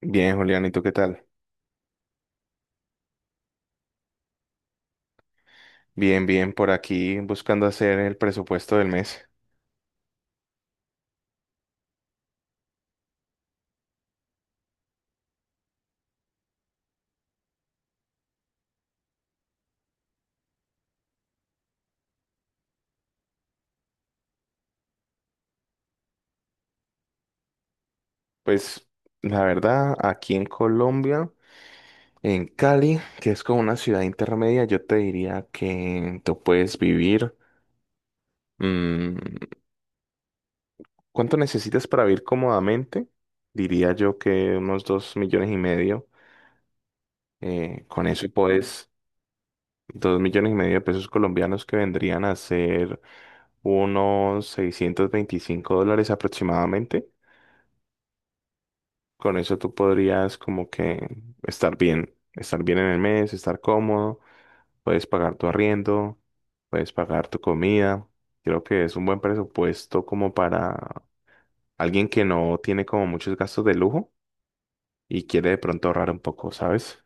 Bien, Julián, ¿y tú qué tal? Bien, bien, por aquí buscando hacer el presupuesto del mes. Pues la verdad, aquí en Colombia, en Cali, que es como una ciudad intermedia, yo te diría que tú puedes vivir. mm, ¿Cuánto necesitas para vivir cómodamente? Diría yo que unos 2,5 millones. Con eso puedes, 2,5 millones de pesos colombianos que vendrían a ser unos $625 aproximadamente. Con eso tú podrías como que estar bien en el mes, estar cómodo, puedes pagar tu arriendo, puedes pagar tu comida. Creo que es un buen presupuesto como para alguien que no tiene como muchos gastos de lujo y quiere de pronto ahorrar un poco, ¿sabes?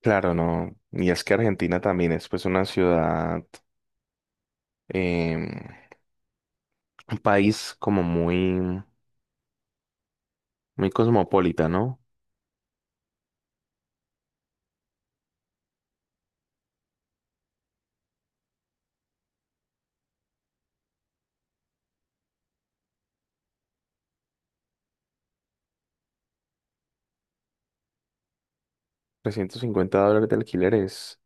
Claro, no. Y es que Argentina también es pues una ciudad, em, un país como muy, muy cosmopolita, ¿no? $350 de alquileres.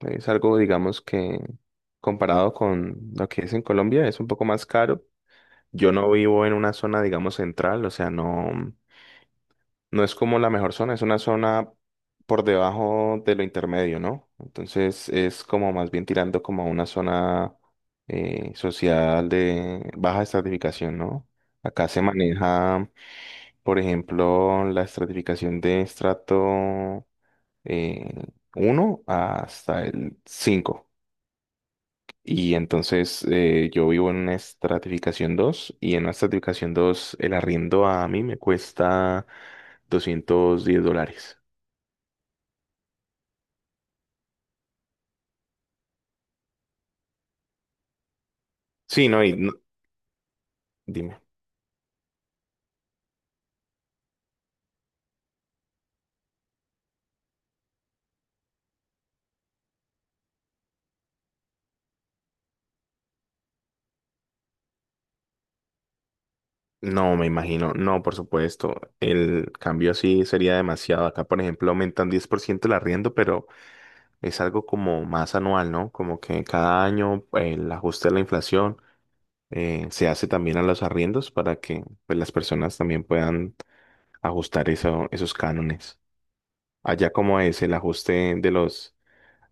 Es algo, digamos, que comparado con lo que es en Colombia, es un poco más caro. Yo no vivo en una zona, digamos, central, o sea, no, no es como la mejor zona, es una zona por debajo de lo intermedio, ¿no? Entonces es como más bien tirando como a una zona social de baja estratificación, ¿no? Acá se maneja, por ejemplo, la estratificación de estrato eh, 1 hasta el cinco. Y entonces yo vivo en una estratificación 2 y en la estratificación 2 el arriendo a mí me cuesta $210. Sí, no, dime. No, me imagino. No, por supuesto. El cambio así sería demasiado. Acá, por ejemplo, aumentan 10% el arriendo, pero es algo como más anual, ¿no? Como que cada año el ajuste de la inflación se hace también a los arriendos para que pues, las personas también puedan ajustar esos cánones. Allá como es el ajuste de los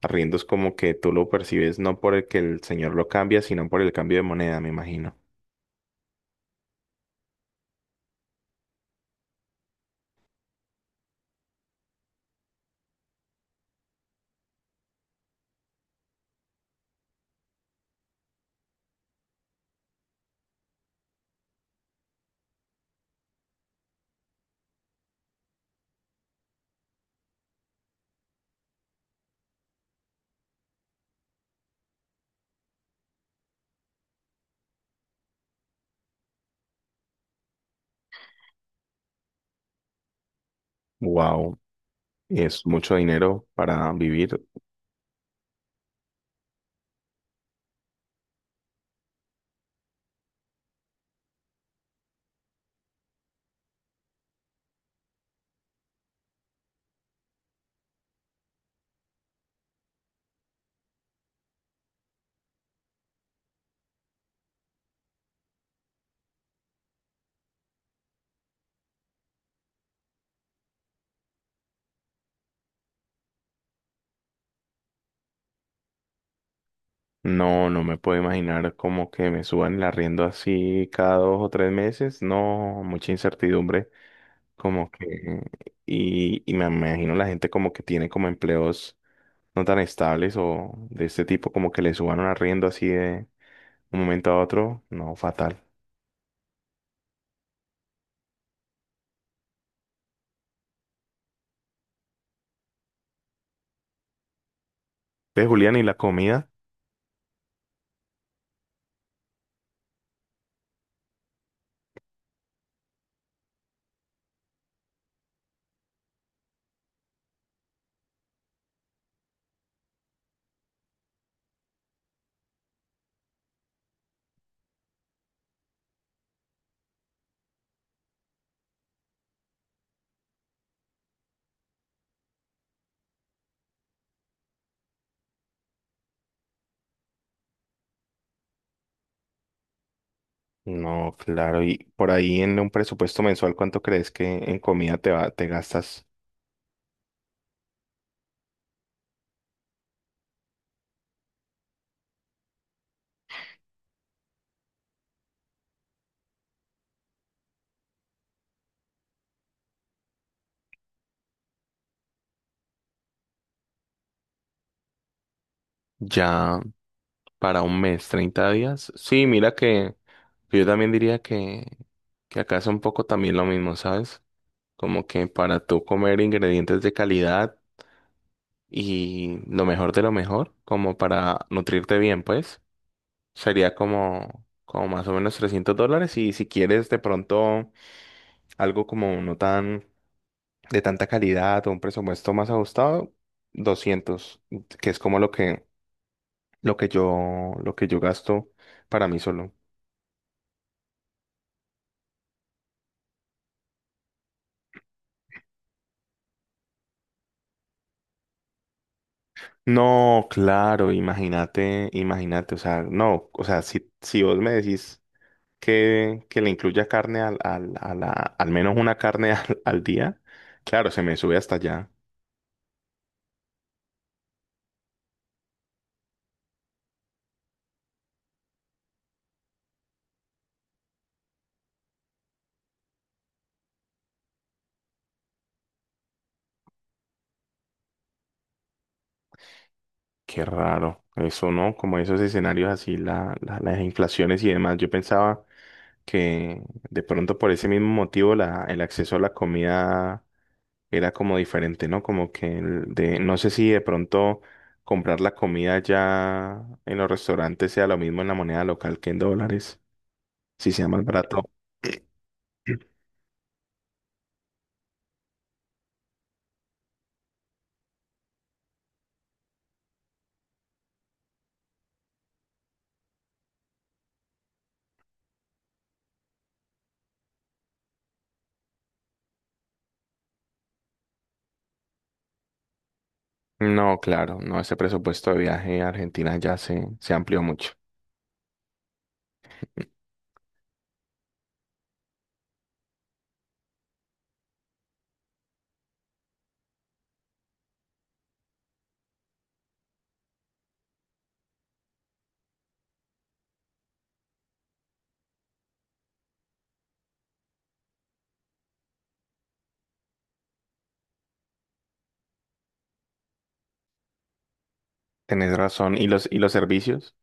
arriendos, como que tú lo percibes no por el que el señor lo cambia, sino por el cambio de moneda, me imagino. Wow, es mucho dinero para vivir. No, no me puedo imaginar como que me suban el arriendo así cada 2 o 3 meses. No, mucha incertidumbre. Como que, y me imagino la gente como que tiene como empleos no tan estables o de este tipo, como que le suban un arriendo así de un momento a otro. No, fatal. Ve, Julián, ¿y la comida? No, claro, y por ahí en un presupuesto mensual, ¿cuánto crees que en comida te va, te gastas ya para un mes, 30 días? Sí, mira que yo también diría que acá es un poco también lo mismo, ¿sabes? Como que para tú comer ingredientes de calidad y lo mejor de lo mejor, como para nutrirte bien, pues, sería como, más o menos $300 y si quieres de pronto algo como no tan de tanta calidad o un presupuesto más ajustado, 200 que es como lo que yo gasto para mí solo. No, claro, imagínate, imagínate, o sea, no, o sea, si vos me decís que le incluya carne al menos una carne al día, claro, se me sube hasta allá. Qué raro, eso, ¿no? Como esos escenarios así, las inflaciones y demás. Yo pensaba que de pronto por ese mismo motivo el acceso a la comida era como diferente, ¿no? Como que el de, no sé si de pronto comprar la comida ya en los restaurantes sea lo mismo en la moneda local que en dólares, si sea más barato. No, claro, no, ese presupuesto de viaje a Argentina ya se amplió mucho. Tenés razón. ¿Y los servicios?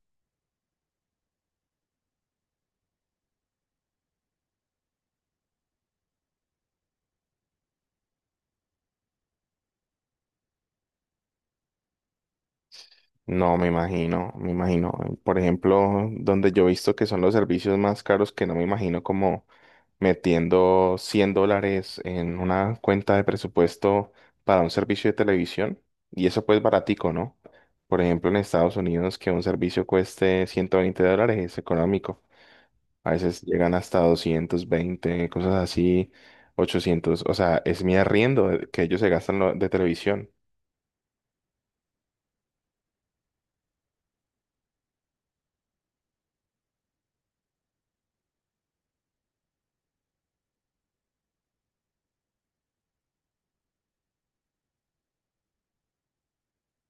No, me imagino, me imagino. Por ejemplo, donde yo he visto que son los servicios más caros, que no me imagino como metiendo $100 en una cuenta de presupuesto para un servicio de televisión. Y eso pues baratico, ¿no? Por ejemplo, en Estados Unidos, que un servicio cueste $120 es económico. A veces llegan hasta 220, cosas así, 800, o sea, es mi arriendo que ellos se gastan de televisión.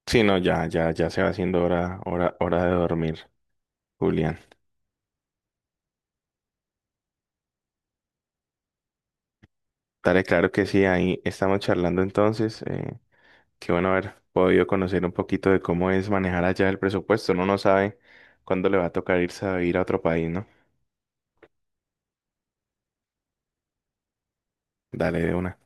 Sí, no, ya, ya, ya se va haciendo hora, hora, hora de dormir. Julián. Dale, claro que sí, ahí estamos charlando entonces. Qué bueno haber podido conocer un poquito de cómo es manejar allá el presupuesto. Uno no sabe cuándo le va a tocar irse a vivir a otro país, ¿no? Dale de una.